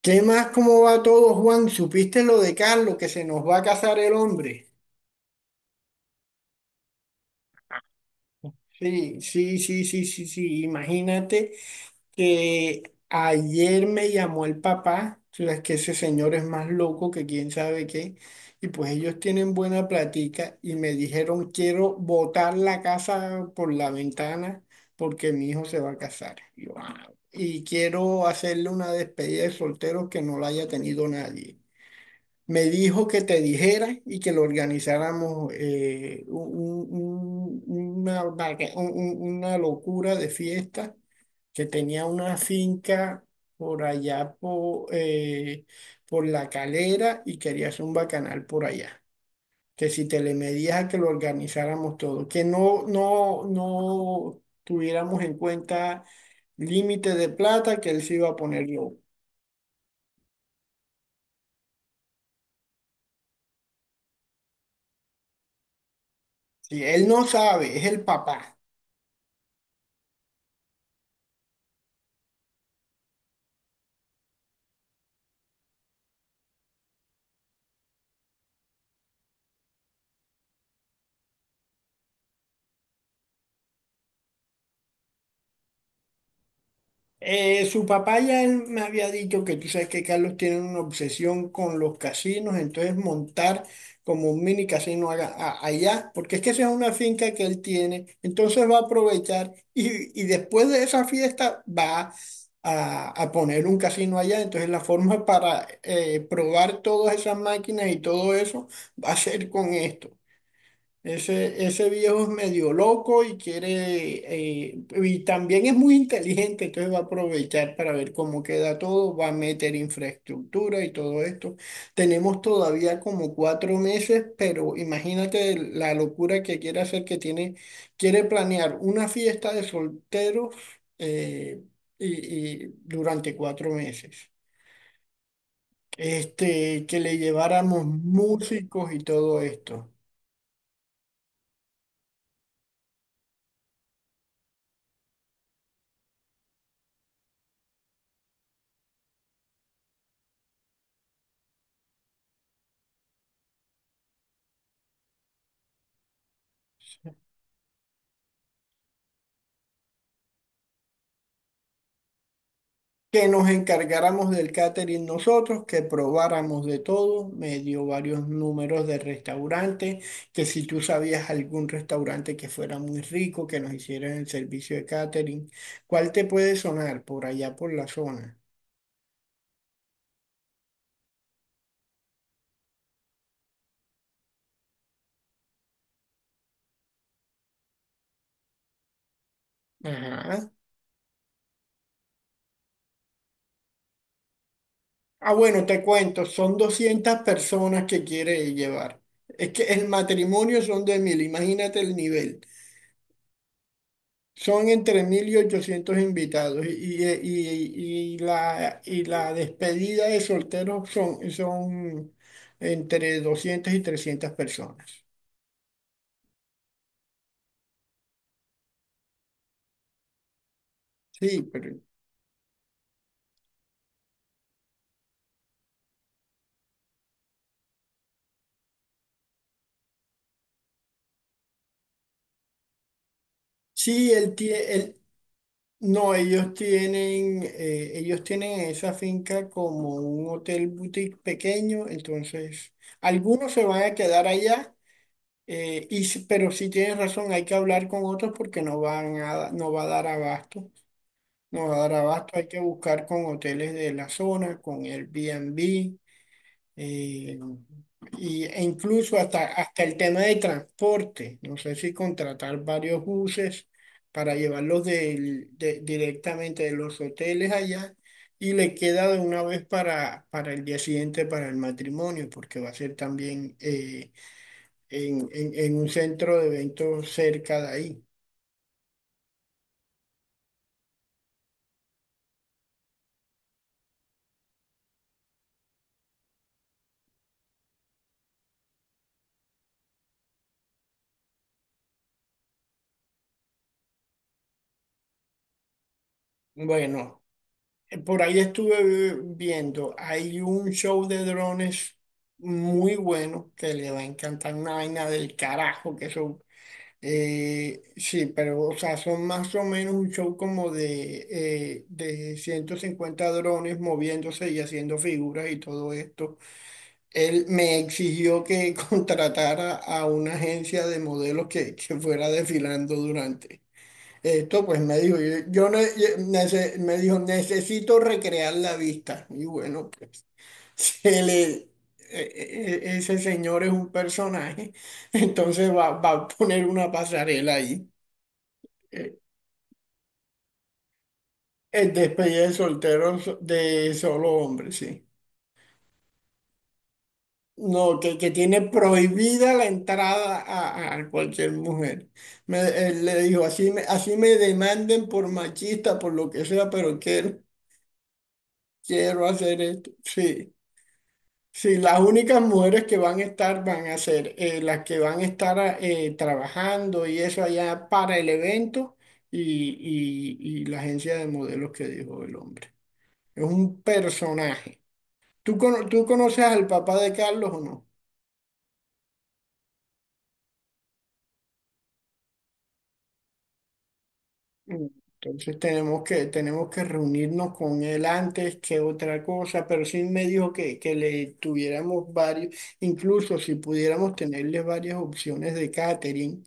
¿Qué más? ¿Cómo va todo, Juan? ¿Supiste lo de Carlos, que se nos va a casar el hombre? Sí, sí, sí, sí, sí, sí. Imagínate que ayer me llamó el papá. O sea, es que ese señor es más loco que quién sabe qué, y pues ellos tienen buena platica y me dijeron, quiero botar la casa por la ventana porque mi hijo se va a casar. Y yo, "Ah". Y quiero hacerle una despedida de solteros que no la haya tenido nadie. Me dijo que te dijera y que lo organizáramos, un- una, vaca- un- una locura de fiesta, que tenía una finca por allá por La Calera, y quería hacer un bacanal por allá. Que si te le medías a que lo organizáramos todo, que no tuviéramos en cuenta límite de plata, que él se iba a poner yo. Si él no sabe, es el papá. Su papá ya él me había dicho que tú sabes que Carlos tiene una obsesión con los casinos, entonces montar como un mini casino allá, porque es que esa es una finca que él tiene, entonces va a aprovechar, y después de esa fiesta va a poner un casino allá, entonces la forma para probar todas esas máquinas y todo eso va a ser con esto. Ese viejo es medio loco y quiere, y también es muy inteligente, entonces va a aprovechar para ver cómo queda todo, va a meter infraestructura y todo esto. Tenemos todavía como cuatro meses, pero imagínate la locura que quiere hacer, que tiene, quiere planear una fiesta de solteros, eh, y, y durante cuatro meses. Este, que le lleváramos músicos y todo esto. Que nos encargáramos del catering nosotros, que probáramos de todo, me dio varios números de restaurantes, que si tú sabías algún restaurante que fuera muy rico, que nos hicieran el servicio de catering. ¿Cuál te puede sonar por allá por la zona? Ajá. Ah, bueno, te cuento, son 200 personas que quiere llevar. Es que el matrimonio son de mil, imagínate el nivel. Son entre 1.000 y ochocientos invitados, y la despedida de solteros son entre 200 y 300 personas. Sí, pero sí, no, ellos tienen esa finca como un hotel boutique pequeño, entonces algunos se van a quedar allá, pero si tienes razón, hay que hablar con otros porque no van a, no va a dar abasto. No va a dar abasto, hay que buscar con hoteles de la zona, con Airbnb, eh, e incluso hasta, hasta el tema de transporte. No sé si contratar varios buses para llevarlos directamente de los hoteles allá, y le queda de una vez para el día siguiente, para el matrimonio, porque va a ser también, en un centro de eventos cerca de ahí. Bueno. Por ahí estuve viendo, hay un show de drones muy bueno que le va a encantar, una vaina del carajo, que son, sí, pero o sea, son más o menos un show como de 150 drones moviéndose y haciendo figuras y todo esto. Él me exigió que contratara a una agencia de modelos que fuera desfilando durante. Esto pues me dijo, yo, me dijo, necesito recrear la vista. Y bueno, pues se le, ese señor es un personaje, entonces va, va a poner una pasarela ahí. Eh, El despedida de soltero de solo hombre, sí. No, que tiene prohibida la entrada a cualquier mujer. Me, él le dijo, así me demanden por machista, por lo que sea, pero quiero, quiero hacer esto. Sí. Sí, las únicas mujeres que van a estar van a ser, las que van a estar, trabajando y eso allá para el evento, y, y la agencia de modelos que dijo el hombre. Es un personaje. ¿Tú, tú conoces al papá de Carlos o no? Mm. Entonces tenemos que reunirnos con él antes que otra cosa, pero sí me dijo que le tuviéramos varios, incluso si pudiéramos tenerle varias opciones de catering,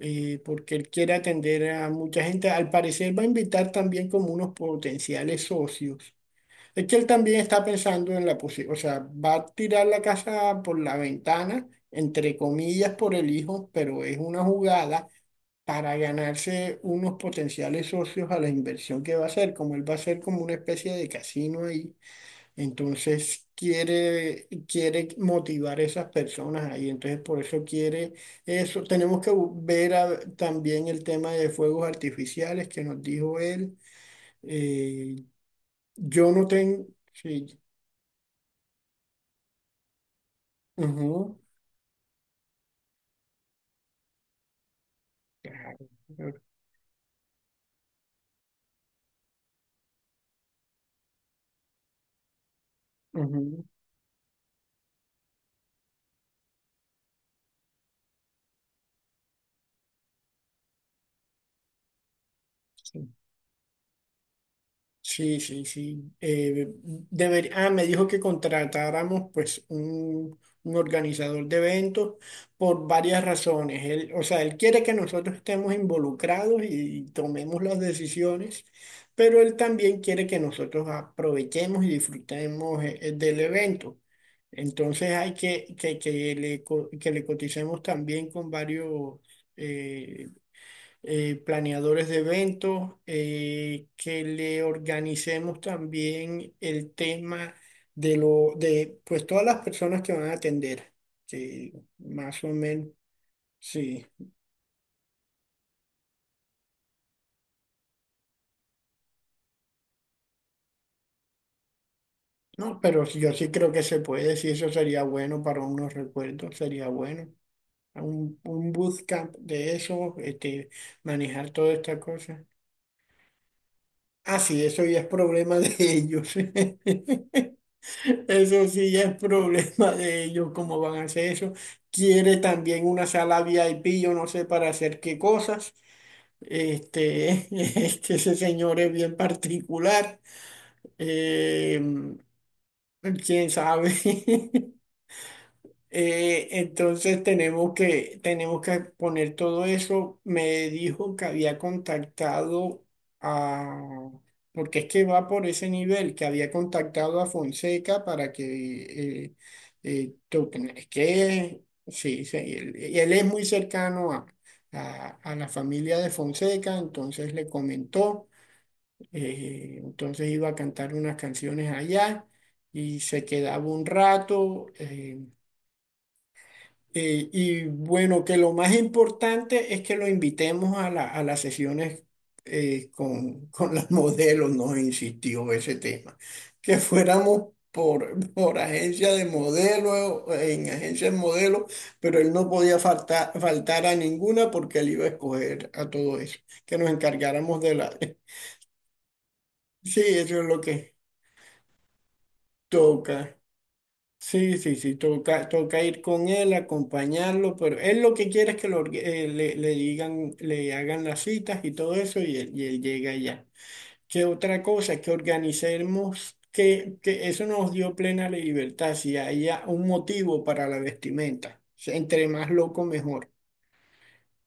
porque él quiere atender a mucha gente. Al parecer va a invitar también como unos potenciales socios. Es que él también está pensando en la posibilidad. O sea, va a tirar la casa por la ventana, entre comillas, por el hijo, pero es una jugada para ganarse unos potenciales socios a la inversión que va a hacer, como él va a hacer como una especie de casino ahí. Entonces quiere, quiere motivar a esas personas ahí. Entonces por eso quiere eso. Tenemos que también el tema de fuegos artificiales que nos dijo él. Eh, yo no tengo... Sí. Ujú, claro, ujú, sí. Sí, sí, sí. Me dijo que contratáramos pues un organizador de eventos por varias razones. Él, o sea, él quiere que nosotros estemos involucrados y tomemos las decisiones, pero él también quiere que nosotros aprovechemos y disfrutemos, del evento. Entonces hay que le, que le coticemos también con varios eh, planeadores de eventos, que le organicemos también el tema de lo, de pues todas las personas que van a atender, que más o menos, sí. No, pero sí, yo sí creo que se puede, sí, eso sería bueno para unos recuerdos, sería bueno. Un bootcamp de eso, este, manejar toda esta cosa. Ah, sí, eso ya es problema de ellos. Eso sí ya es problema de ellos, cómo van a hacer eso. Quiere también una sala VIP, yo no sé para hacer qué cosas. Este, este, ese señor es bien particular. Eh, quién sabe. Entonces tenemos que poner todo eso. Me dijo que había contactado a, porque es que va por ese nivel, que había contactado a Fonseca para que toquen. Es que sí, sí, él es muy cercano a, a la familia de Fonseca, entonces le comentó, entonces iba a cantar unas canciones allá y se quedaba un rato. Y bueno, que lo más importante es que lo invitemos a a las sesiones, con, con las modelos, nos insistió ese tema. Que fuéramos por, por agencia de modelos, en agencia de modelos, pero él no podía faltar, faltar a ninguna porque él iba a escoger a todo eso. Que nos encargáramos de la... Sí, eso es lo que toca. Sí, sí, sí, toca, toca ir con él, acompañarlo, pero él lo que quiere es que lo le, le digan, le hagan las citas y todo eso, y él llega allá. ¿Qué otra cosa? Que organicemos, que eso nos dio plena libertad, si haya un motivo para la vestimenta. O sea, entre más loco, mejor.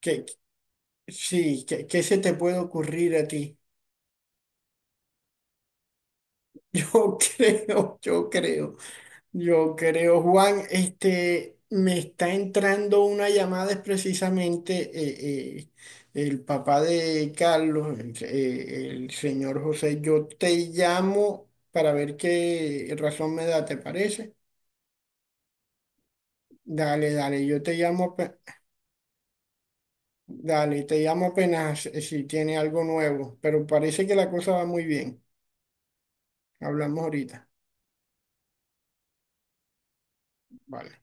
Que, sí, que, ¿qué se te puede ocurrir a ti? Yo creo, yo creo. Yo creo, Juan, este, me está entrando una llamada, es precisamente el papá de Carlos, el señor José. Yo te llamo para ver qué razón me da, ¿te parece? Dale, dale, yo te llamo, dale, te llamo apenas, si tiene algo nuevo, pero parece que la cosa va muy bien. Hablamos ahorita. Vale.